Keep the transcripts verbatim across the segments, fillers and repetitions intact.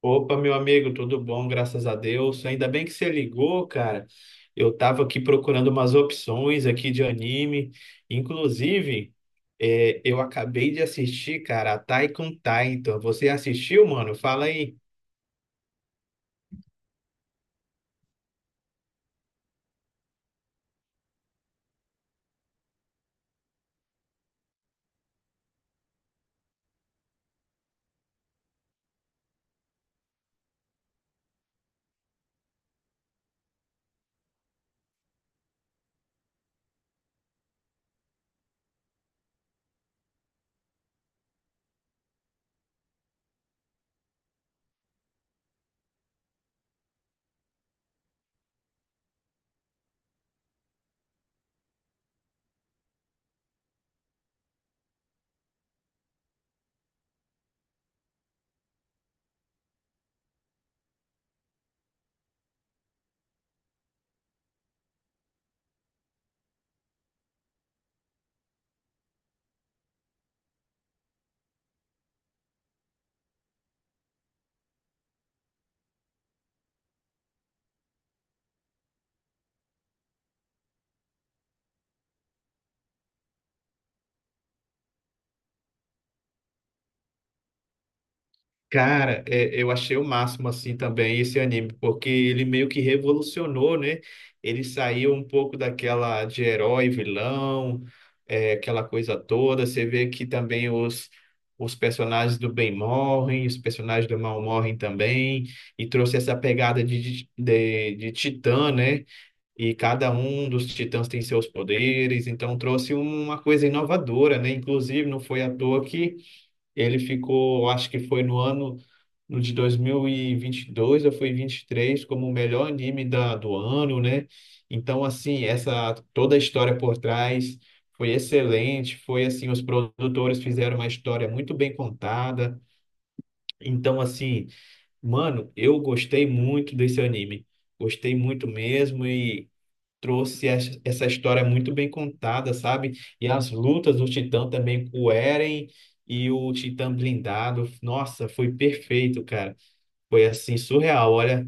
Opa, meu amigo, tudo bom, graças a Deus. Ainda bem que você ligou, cara. Eu tava aqui procurando umas opções aqui de anime. Inclusive, é, eu acabei de assistir, cara, a Attack on Titan. Você assistiu, mano? Fala aí. Cara, é, eu achei o máximo assim também esse anime, porque ele meio que revolucionou, né? Ele saiu um pouco daquela de herói, vilão, é, aquela coisa toda. Você vê que também os, os personagens do bem morrem, os personagens do mal morrem também, e trouxe essa pegada de, de, de titã, né? E cada um dos titãs tem seus poderes, então trouxe uma coisa inovadora, né? Inclusive, não foi à toa que. Ele ficou, acho que foi no ano no de dois mil e e vinte e dois eu fui vinte e três como o melhor anime da, do ano, né? Então, assim, essa toda a história por trás foi excelente. Foi assim, os produtores fizeram uma história muito bem contada. Então, assim, mano, eu gostei muito desse anime. Gostei muito mesmo e trouxe essa essa história muito bem contada, sabe? E as lutas do Titã também com o Eren e o Titã blindado. Nossa, foi perfeito, cara. Foi assim, surreal. Olha,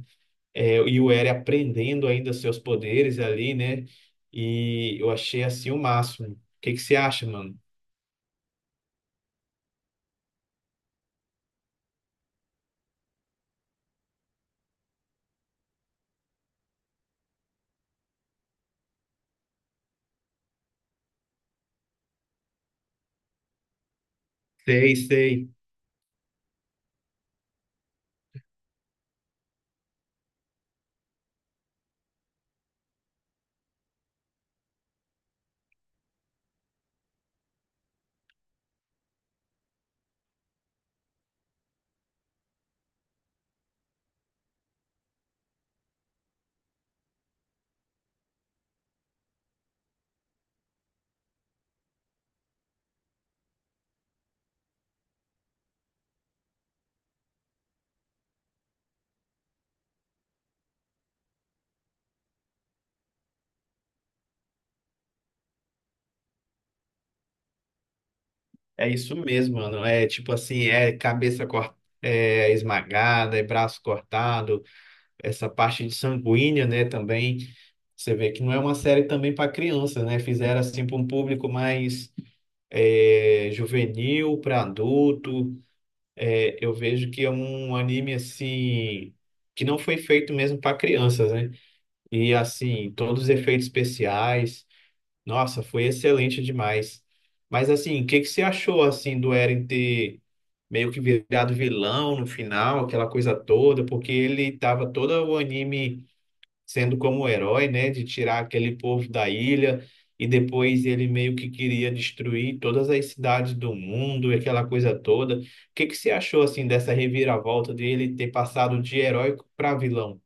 é, e o Eren aprendendo ainda seus poderes ali, né? E eu achei assim o máximo. O que que você acha, mano? Sei, sei. É isso mesmo, mano. É tipo assim, é cabeça cor- é, esmagada, é braço cortado, essa parte de sanguínea, né, também. Você vê que não é uma série também para criança, né? Fizeram assim para um público mais é, juvenil, para adulto. é, eu vejo que é um anime assim que não foi feito mesmo para crianças, né? E assim, todos os efeitos especiais, nossa, foi excelente demais. Mas assim, o que que você achou assim do Eren ter meio que virado vilão no final, aquela coisa toda, porque ele tava todo o anime sendo como o herói, né, de tirar aquele povo da ilha e depois ele meio que queria destruir todas as cidades do mundo e aquela coisa toda. O que que você achou assim dessa reviravolta dele ter passado de heróico para vilão?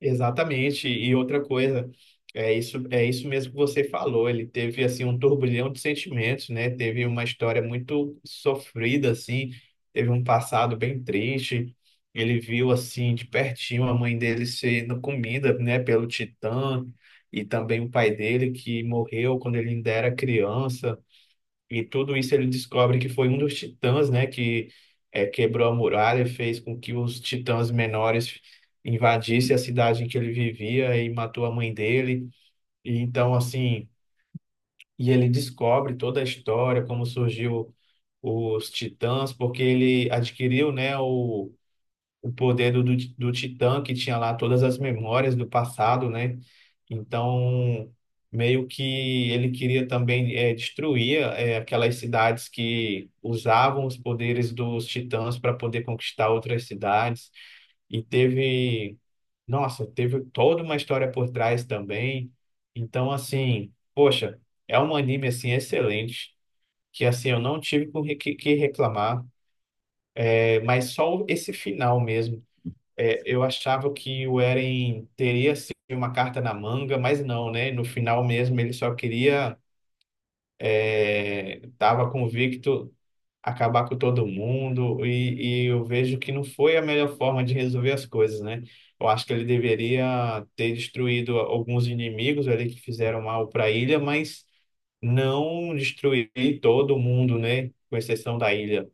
Exatamente. E outra coisa, é isso, é isso mesmo que você falou. Ele teve assim um turbilhão de sentimentos, né? Teve uma história muito sofrida assim, teve um passado bem triste. Ele viu assim de pertinho a mãe dele sendo comida, né, pelo Titã e também o pai dele que morreu quando ele ainda era criança. E tudo isso ele descobre que foi um dos titãs, né, que é, quebrou a muralha, fez com que os titãs menores invadissem a cidade em que ele vivia e matou a mãe dele. E então, assim, e ele descobre toda a história, como surgiu os titãs, porque ele adquiriu, né, o o poder do, do, do Titã, que tinha lá todas as memórias do passado, né? Então, meio que ele queria também eh, destruir eh, aquelas cidades que usavam os poderes dos Titãs para poder conquistar outras cidades. E teve, nossa, teve toda uma história por trás também. Então, assim, poxa, é um anime assim excelente. Que assim, eu não tive com que que reclamar, eh, mas só esse final mesmo. É, eu achava que o Eren teria assim, uma carta na manga, mas não, né? No final mesmo ele só queria, é, tava convicto acabar com todo mundo e, e eu vejo que não foi a melhor forma de resolver as coisas, né? Eu acho que ele deveria ter destruído alguns inimigos ali que fizeram mal para a ilha, mas não destruir todo mundo, né? Com exceção da ilha.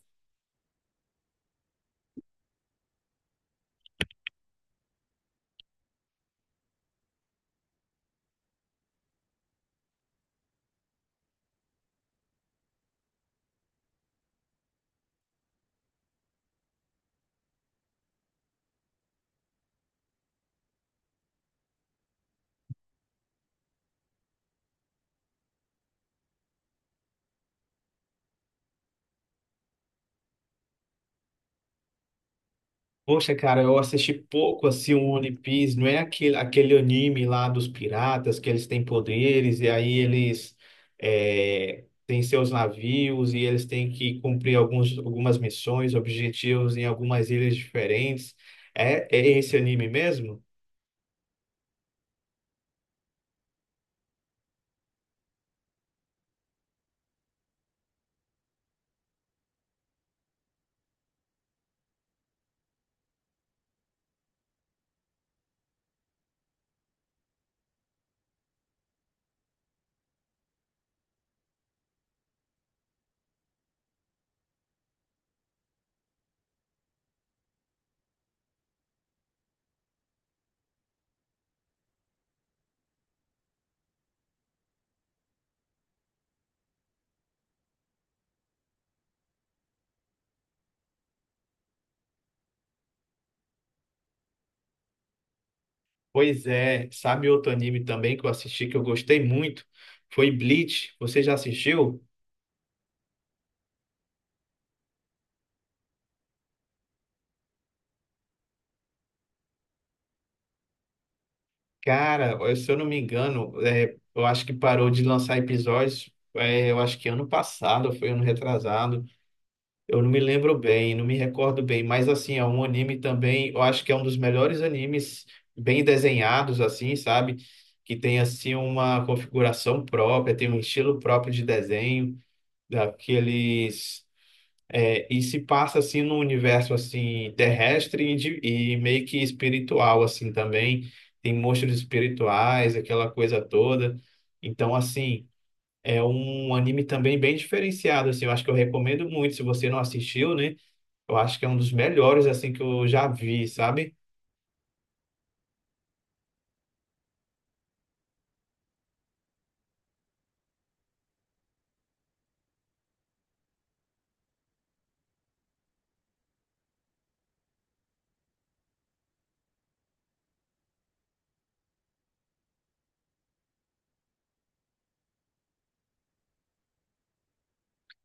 Poxa, cara, eu assisti pouco assim o One Piece, não é aquele, aquele anime lá dos piratas que eles têm poderes e aí eles é, têm seus navios e eles têm que cumprir alguns, algumas missões, objetivos em algumas ilhas diferentes. É, é esse anime mesmo? Pois é, sabe outro anime também que eu assisti que eu gostei muito? Foi Bleach. Você já assistiu? Cara, eu- se eu não me engano, é, eu acho que parou de lançar episódios, é, eu acho que ano passado, foi ano retrasado. Eu não me lembro bem, não me recordo bem, mas assim, é um anime também, eu acho que é um dos melhores animes bem desenhados, assim, sabe? Que tem assim uma configuração própria, tem um estilo próprio de desenho, daqueles. É, e se passa assim no universo assim terrestre e, de- e meio que espiritual assim também. Tem monstros espirituais, aquela coisa toda. Então assim, é um anime também bem diferenciado assim. Eu acho que eu recomendo muito se você não assistiu, né? Eu acho que é um dos melhores assim que eu já vi, sabe?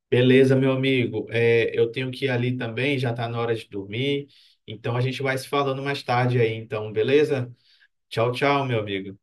Beleza, meu amigo. É, eu tenho que ir ali também, já tá na hora de dormir. Então a gente vai se falando mais tarde aí, então, beleza? Tchau, tchau, meu amigo.